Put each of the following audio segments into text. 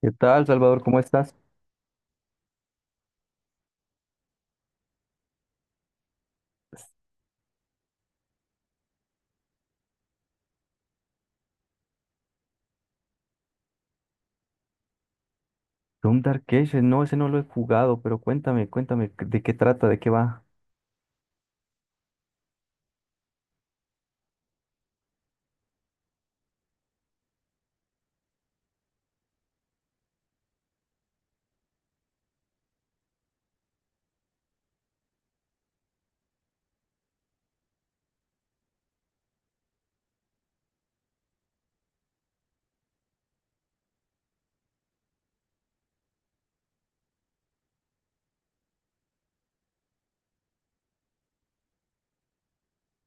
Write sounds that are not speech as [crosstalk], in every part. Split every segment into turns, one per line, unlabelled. ¿Qué tal, Salvador? ¿Cómo estás? Doom Dark Ages, no, ese no lo he jugado, pero cuéntame, cuéntame, ¿de qué trata? ¿De qué va?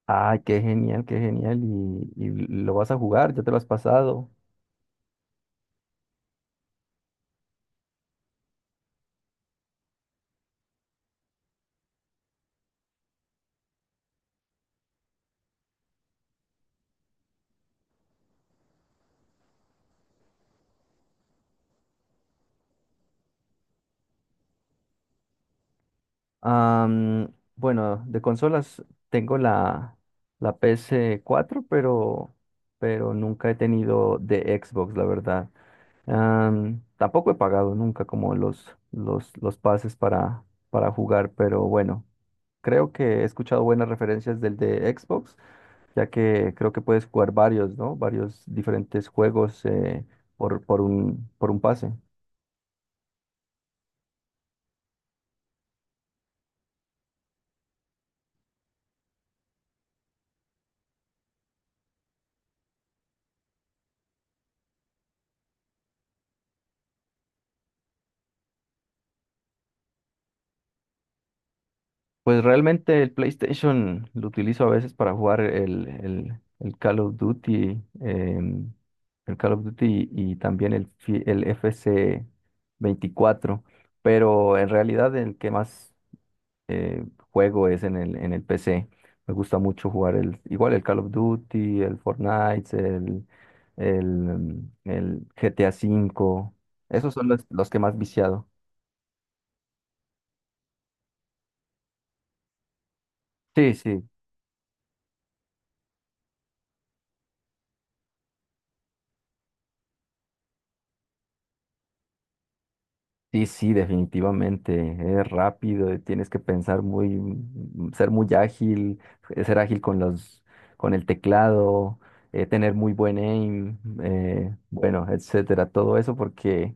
Ay, qué genial, y lo vas a jugar, ya te lo has pasado. Bueno, de consolas tengo la PS4, pero nunca he tenido de Xbox, la verdad. Tampoco he pagado nunca como los pases para jugar, pero bueno, creo que he escuchado buenas referencias del de Xbox. Ya que creo que puedes jugar varios, ¿no? Varios diferentes juegos, por un pase. Pues realmente el PlayStation lo utilizo a veces para jugar el Call of Duty, el Call of Duty y también el FC 24, pero en realidad el que más eh, juego es en el PC. Me gusta mucho jugar el, igual el Call of Duty, el Fortnite, el GTA V. Esos son los que más viciado. Sí, sí, sí, sí, definitivamente. Es rápido, tienes que pensar muy, ser muy ágil, ser ágil con con el teclado, tener muy buen aim, bueno, etcétera. Todo eso porque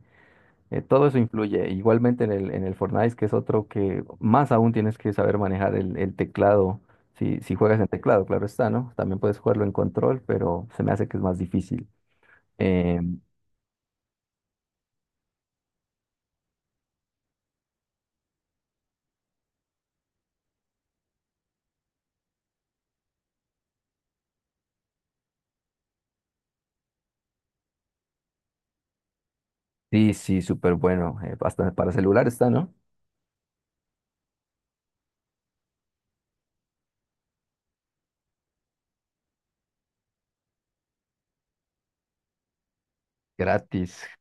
Todo eso influye. Igualmente en el Fortnite, que es otro que más aún tienes que saber manejar el teclado. Si juegas en teclado, claro está, ¿no? También puedes jugarlo en control, pero se me hace que es más difícil. Eh, sí, sí, súper bueno. Hasta para celular está, ¿no? Gratis. [laughs]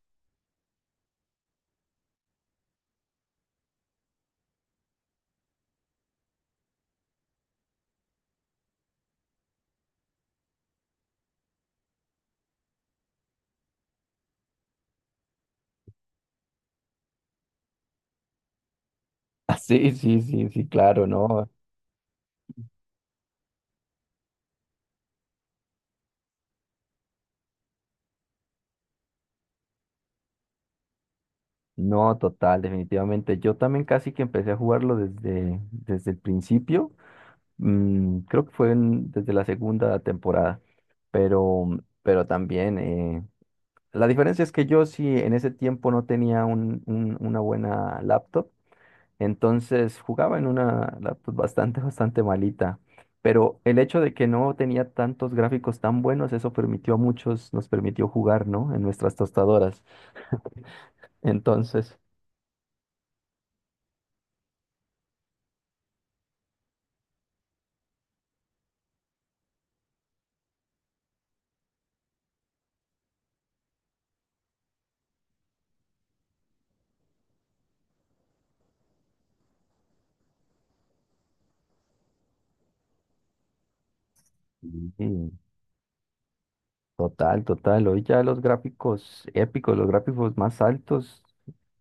Ah, sí, sí, sí, sí, claro, no. No, total, definitivamente. Yo también casi que empecé a jugarlo desde el principio. Creo que fue desde la segunda temporada. Pero pero, también, la diferencia es que yo sí en ese tiempo no tenía una buena laptop, entonces jugaba en una laptop bastante, [laughs] bastante malita. Pero el hecho de que no tenía tantos gráficos tan buenos, eso nos permitió jugar, ¿no? En nuestras tostadoras. Entonces, mm, sí, total, total. Hoy ya los gráficos épicos, los gráficos más altos,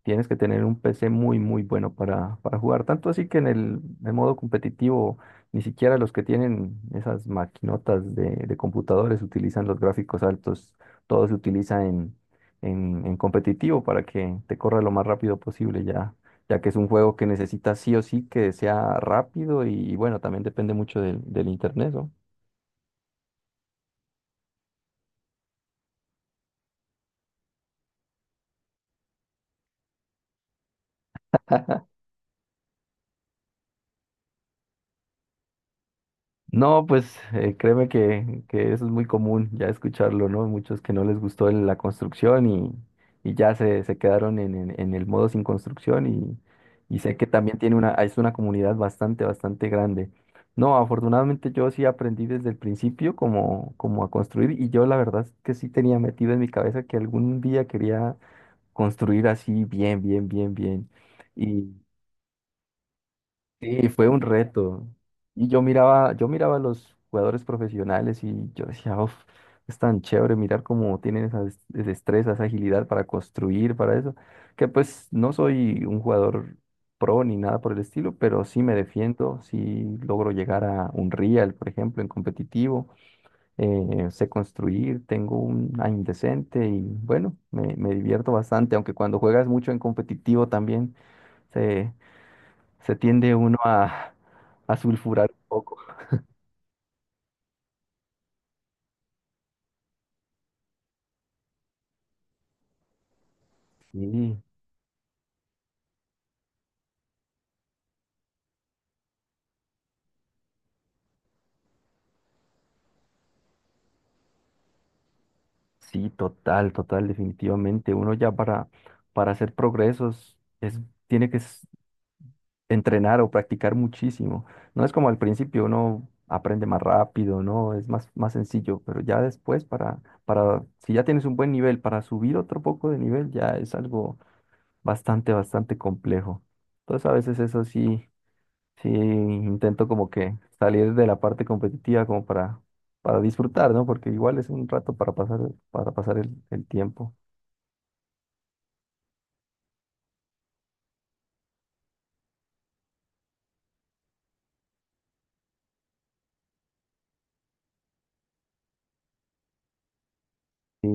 tienes que tener un PC muy, muy bueno para jugar. Tanto así que en modo competitivo, ni siquiera los que tienen esas maquinotas de computadores utilizan los gráficos altos. Todo se utiliza en competitivo para que te corra lo más rápido posible ya, ya que es un juego que necesita sí o sí que sea rápido y, bueno, también depende mucho del internet, ¿no? No, pues créeme que eso es muy común ya escucharlo, ¿no? Muchos que no les gustó la construcción y ya se quedaron en el modo sin construcción, y sé que también tiene es una comunidad bastante, bastante grande. No, afortunadamente yo sí aprendí desde el principio como a construir y yo la verdad es que sí tenía metido en mi cabeza que algún día quería construir así bien, bien, bien, bien. Sí, fue un reto. Y yo miraba a los jugadores profesionales y yo decía, uff, es tan chévere mirar cómo tienen esa destreza, esa agilidad para construir, para eso. Que pues no soy un jugador pro ni nada por el estilo, pero sí me defiendo, sí logro llegar a un real, por ejemplo, en competitivo. Sé construir, tengo un aim decente y bueno, me divierto bastante, aunque cuando juegas mucho en competitivo también se tiende uno a sulfurar un poco. Sí, sí, total, total, definitivamente. Uno ya para hacer progresos tiene que entrenar o practicar muchísimo. No es como al principio, uno aprende más rápido, ¿no? Es más, más sencillo, pero ya después si ya tienes un buen nivel, para subir otro poco de nivel ya es algo bastante, bastante complejo. Entonces a veces eso sí. Sí, intento como que salir de la parte competitiva como para disfrutar, ¿no? Porque igual es un rato para pasar el tiempo. Sí.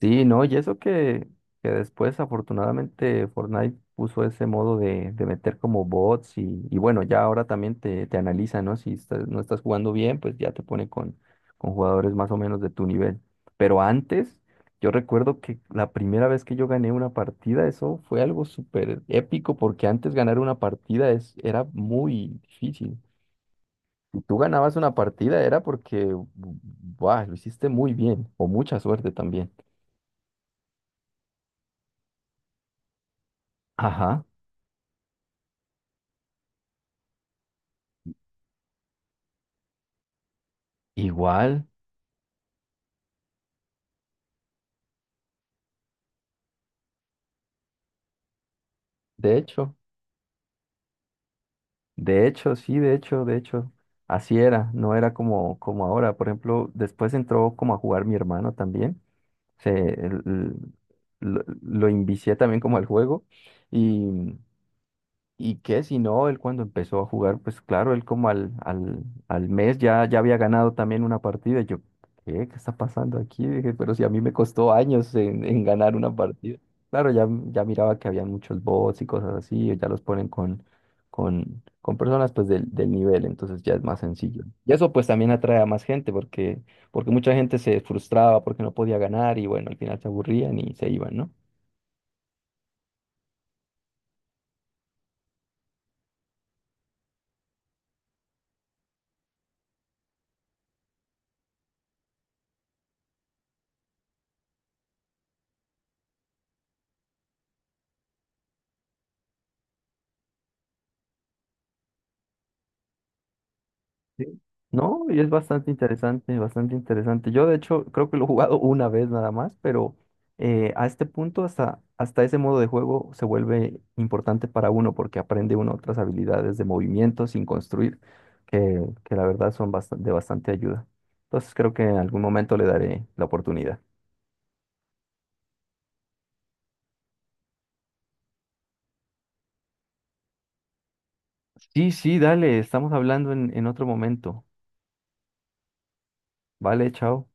Sí, no, y eso que después afortunadamente Fortnite puso ese modo de meter como bots y bueno, ya ahora también te analiza, ¿no? Si no estás jugando bien, pues ya te pone con jugadores más o menos de tu nivel. Pero antes, yo recuerdo que la primera vez que yo gané una partida, eso fue algo súper épico porque antes ganar una partida era muy difícil. Si tú ganabas una partida era porque, buah, lo hiciste muy bien o mucha suerte también. Ajá. Igual, de hecho, sí, de hecho, así era, no era como ahora. Por ejemplo, después entró como a jugar mi hermano también, se, el- lo invicié también como al juego y Y que si no, él cuando empezó a jugar, pues claro, él como al mes ya había ganado también una partida. Y yo, ¿qué? ¿Qué está pasando aquí? Dije, pero si a mí me costó años en ganar una partida. Claro, ya miraba que había muchos bots y cosas así, y ya los ponen con personas pues del nivel, entonces ya es más sencillo. Y eso pues también atrae a más gente, porque mucha gente se frustraba porque no podía ganar y bueno, al final se aburrían y se iban, ¿no? Sí. No, y es bastante interesante, bastante interesante. Yo, de hecho, creo que lo he jugado una vez nada más, pero a este punto, hasta ese modo de juego se vuelve importante para uno porque aprende uno otras habilidades de movimiento sin construir, que la verdad son de bastante ayuda. Entonces, creo que en algún momento le daré la oportunidad. Sí, sí, dale, estamos hablando en otro momento. Vale, chao.